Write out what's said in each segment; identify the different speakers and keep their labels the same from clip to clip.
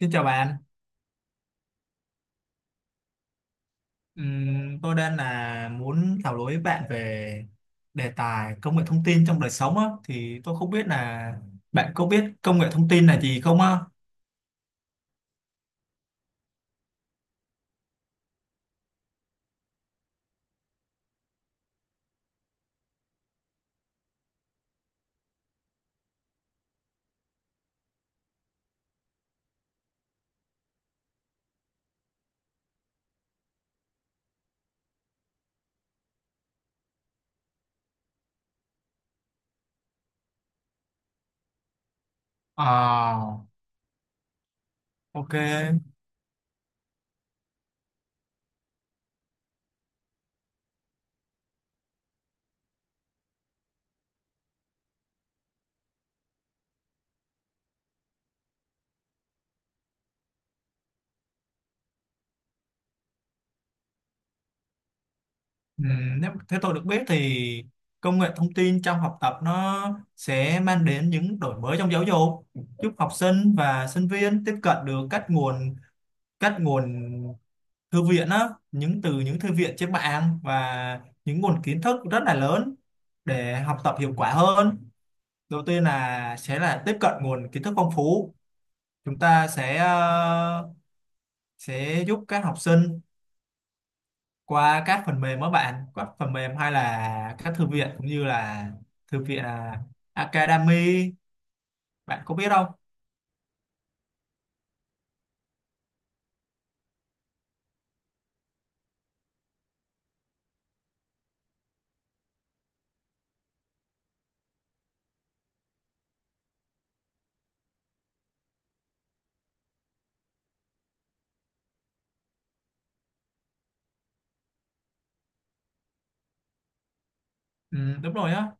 Speaker 1: Xin chào bạn. Tôi đang là muốn thảo luận với bạn về đề tài công nghệ thông tin trong đời sống á, thì tôi không biết là bạn có biết công nghệ thông tin là gì không á? À, ok. Nếu thế tôi được biết thì công nghệ thông tin trong học tập nó sẽ mang đến những đổi mới trong giáo dục, giúp học sinh và sinh viên tiếp cận được các nguồn thư viện á, những từ những thư viện trên mạng và những nguồn kiến thức rất là lớn để học tập hiệu quả hơn. Đầu tiên là sẽ là tiếp cận nguồn kiến thức phong phú, chúng ta sẽ sẽ giúp các học sinh qua các phần mềm, các bạn các phần mềm hay là các thư viện cũng như là thư viện à, Academy, bạn có biết không? Ừ, đúng rồi á.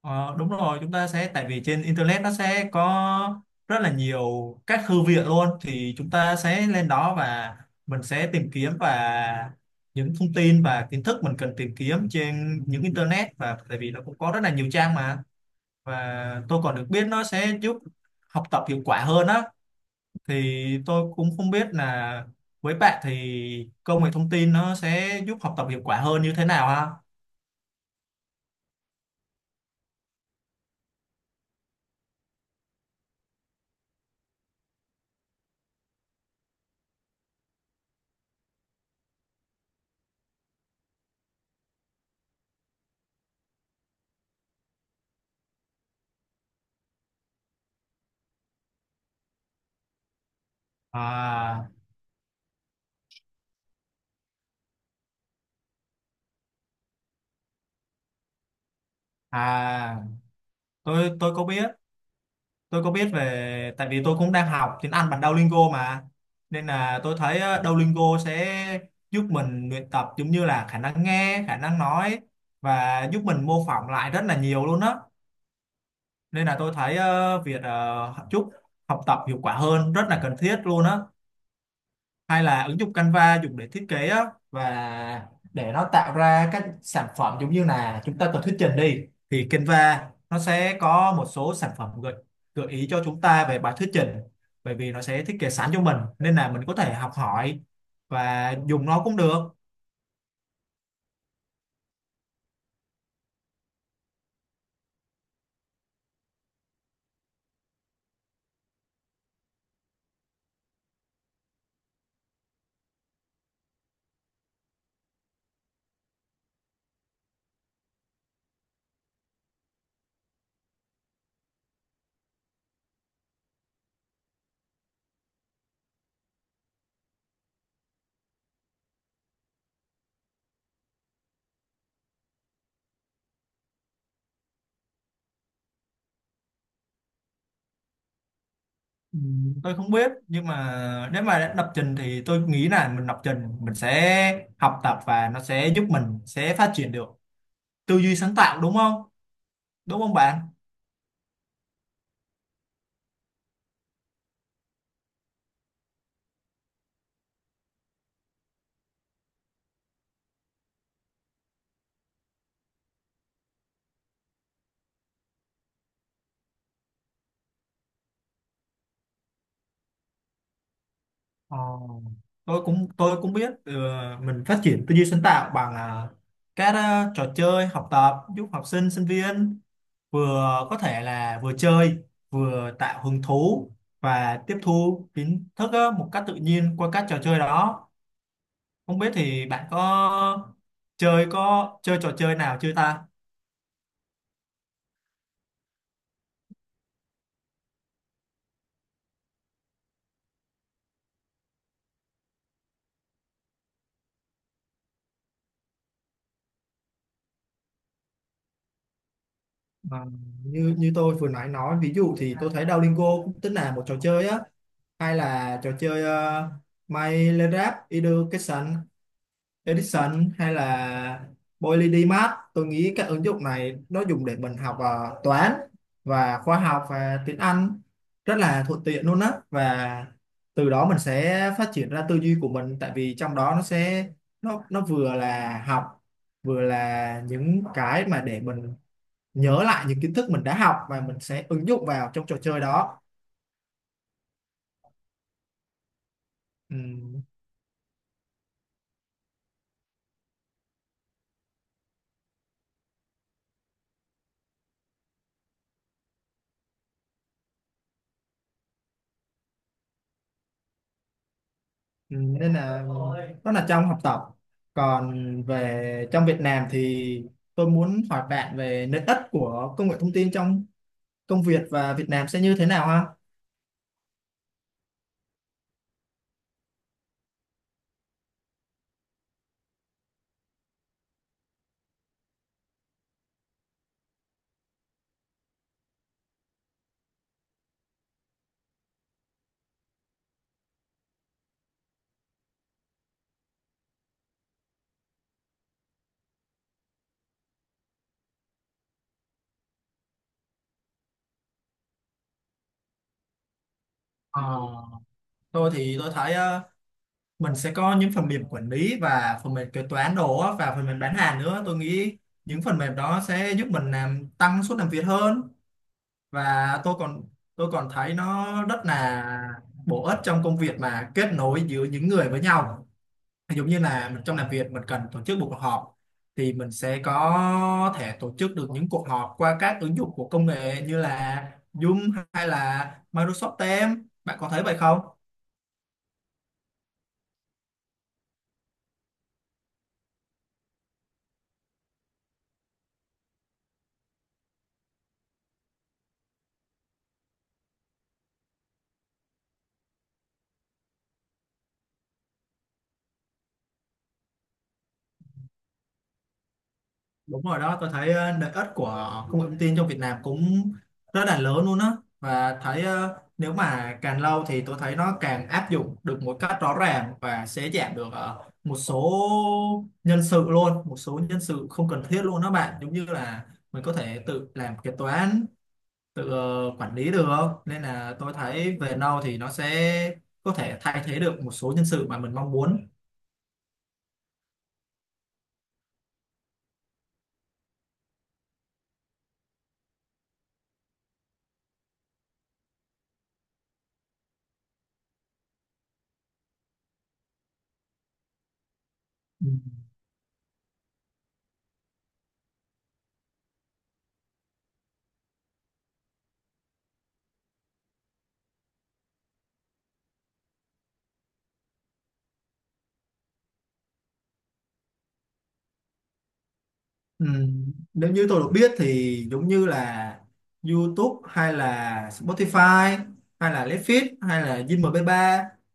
Speaker 1: Ờ, đúng rồi, chúng ta sẽ tại vì trên internet nó sẽ có rất là nhiều các thư viện luôn, thì chúng ta sẽ lên đó và mình sẽ tìm kiếm và những thông tin và kiến thức mình cần tìm kiếm trên những internet, và tại vì nó cũng có rất là nhiều trang mà. Và tôi còn được biết nó sẽ giúp học tập hiệu quả hơn á, thì tôi cũng không biết là với bạn thì công nghệ thông tin nó sẽ giúp học tập hiệu quả hơn như thế nào ha? À à, tôi có biết, tôi có biết về tại vì tôi cũng đang học tiếng Anh bằng Duolingo mà, nên là tôi thấy Duolingo sẽ giúp mình luyện tập giống như là khả năng nghe, khả năng nói, và giúp mình mô phỏng lại rất là nhiều luôn á. Nên là tôi thấy việc giúp học tập hiệu quả hơn rất là cần thiết luôn á. Hay là ứng dụng Canva dùng để thiết kế á, và để nó tạo ra các sản phẩm giống như là chúng ta cần thuyết trình đi, thì Canva nó sẽ có một số sản phẩm gợi gợi ý cho chúng ta về bài thuyết trình, bởi vì nó sẽ thiết kế sẵn cho mình nên là mình có thể học hỏi và dùng nó cũng được. Ừ, tôi không biết, nhưng mà nếu mà đã lập trình thì tôi nghĩ là mình lập trình mình sẽ học tập và nó sẽ giúp mình sẽ phát triển được tư duy sáng tạo, đúng không, đúng không bạn? Ờ, tôi cũng biết ừ, mình phát triển tư duy sáng tạo bằng à, các à, trò chơi học tập giúp học sinh sinh viên vừa có thể là vừa chơi, vừa tạo hứng thú và tiếp thu kiến thức á, một cách tự nhiên qua các trò chơi đó. Không biết thì bạn có chơi, có chơi trò chơi nào chưa ta? Ờ, như như tôi vừa nói ví dụ thì tôi thấy Duolingo cũng tính là một trò chơi á, hay là trò chơi uh, My Little Education, Edison hay là PolyDMath. Tôi nghĩ các ứng dụng này nó dùng để mình học toán và khoa học và tiếng Anh rất là thuận tiện luôn á, và từ đó mình sẽ phát triển ra tư duy của mình, tại vì trong đó nó sẽ nó vừa là học, vừa là những cái mà để mình nhớ lại những kiến thức mình đã học và mình sẽ ứng dụng vào trong trò chơi đó. Ừm, Ừ, nên là đó là trong học tập, còn về trong Việt Nam thì tôi muốn hỏi bạn về lợi ích của công nghệ thông tin trong công việc và Việt Nam sẽ như thế nào ha? Ờ, tôi thì tôi thấy mình sẽ có những phần mềm quản lý và phần mềm kế toán đồ á, và phần mềm bán hàng nữa, tôi nghĩ những phần mềm đó sẽ giúp mình làm tăng suất làm việc hơn. Và tôi còn thấy nó rất là bổ ích trong công việc mà kết nối giữa những người với nhau, giống như là mình trong làm việc mình cần tổ chức một cuộc họp, thì mình sẽ có thể tổ chức được những cuộc họp qua các ứng dụng của công nghệ như là Zoom hay là Microsoft Teams. Bạn có thấy vậy không? Đúng rồi đó, tôi thấy lợi ích của công nghệ thông tin trong Việt Nam cũng rất là lớn luôn á. Và thấy nếu mà càng lâu thì tôi thấy nó càng áp dụng được một cách rõ ràng và sẽ giảm được một số nhân sự luôn, một số nhân sự không cần thiết luôn đó bạn, giống như là mình có thể tự làm kế toán, tự quản lý được, nên là tôi thấy về lâu thì nó sẽ có thể thay thế được một số nhân sự mà mình mong muốn. Ừ. Ừ, nếu như tôi được biết thì giống như là YouTube hay là Spotify hay là Netflix hay là Zing mp,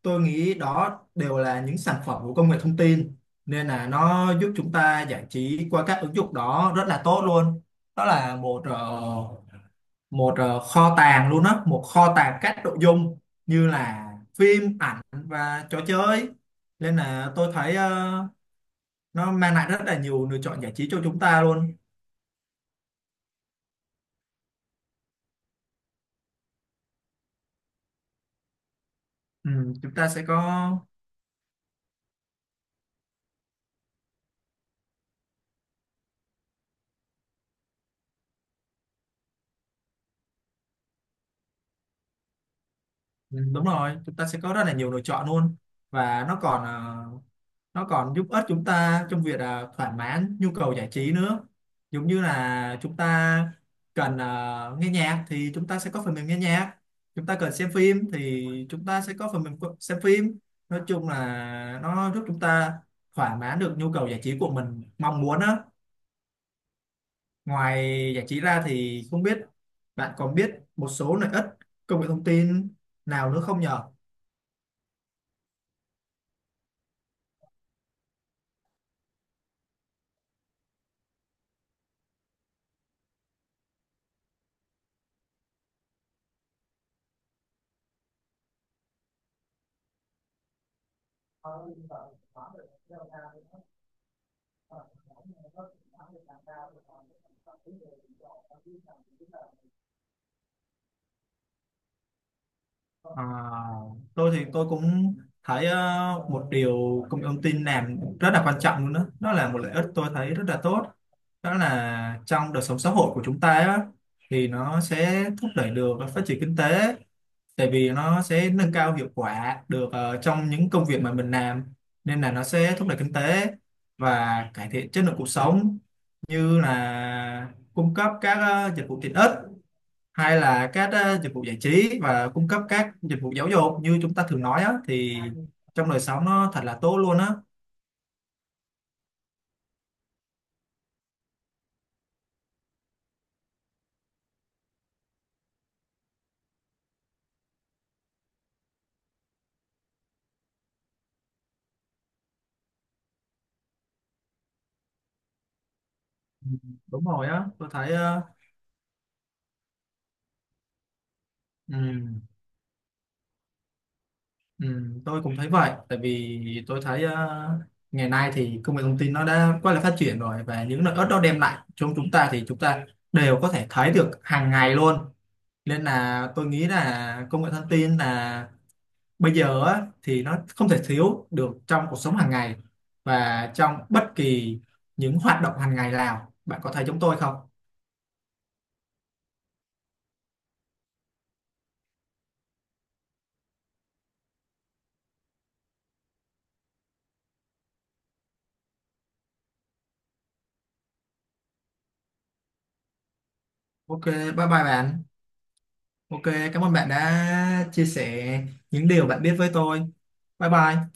Speaker 1: tôi nghĩ đó đều là những sản phẩm của công nghệ thông tin, nên là nó giúp chúng ta giải trí qua các ứng dụng đó rất là tốt luôn. Đó là kho tàng luôn á, một kho tàng các nội dung như là phim ảnh và trò chơi, nên là tôi thấy nó mang lại rất là nhiều lựa chọn giải trí cho chúng ta luôn. Ừ, chúng ta sẽ có. Ừ, đúng rồi, chúng ta sẽ có rất là nhiều lựa chọn luôn. Và nó còn giúp ích chúng ta trong việc thỏa mãn nhu cầu giải trí nữa, giống như là chúng ta cần nghe nhạc thì chúng ta sẽ có phần mềm nghe nhạc, chúng ta cần xem phim thì chúng ta sẽ có phần mềm co- xem phim. Nói chung là nó giúp chúng ta thỏa mãn được nhu cầu giải trí của mình mong muốn á. Ngoài giải trí ra thì không biết bạn còn biết một số lợi ích công nghệ thông tin nào nữa không nhờ? À, tôi thì tôi cũng thấy một điều công nghệ thông tin làm rất là quan trọng luôn đó. Đó là một lợi ích tôi thấy rất là tốt. Đó là trong đời sống xã hội của chúng ta á, thì nó sẽ thúc đẩy được phát triển kinh tế, tại vì nó sẽ nâng cao hiệu quả được trong những công việc mà mình làm, nên là nó sẽ thúc đẩy kinh tế và cải thiện chất lượng cuộc sống, như là cung cấp các dịch vụ tiện ích hay là các dịch vụ giải trí và cung cấp các dịch vụ giáo dục như chúng ta thường nói á, thì trong đời sống nó thật là tốt luôn á. Ừ, đúng rồi á, tôi thấy ờ, ừ. Ừ, tôi cũng thấy vậy, tại vì tôi thấy ngày nay thì công nghệ thông tin nó đã quá là phát triển rồi, và những lợi ích đó đem lại cho chúng ta thì chúng ta đều có thể thấy được hàng ngày luôn, nên là tôi nghĩ là công nghệ thông tin là bây giờ á, thì nó không thể thiếu được trong cuộc sống hàng ngày và trong bất kỳ những hoạt động hàng ngày nào. Bạn có thấy chúng tôi không? Ok, bye bye bạn. Ok, cảm ơn bạn đã chia sẻ những điều bạn biết với tôi. Bye bye.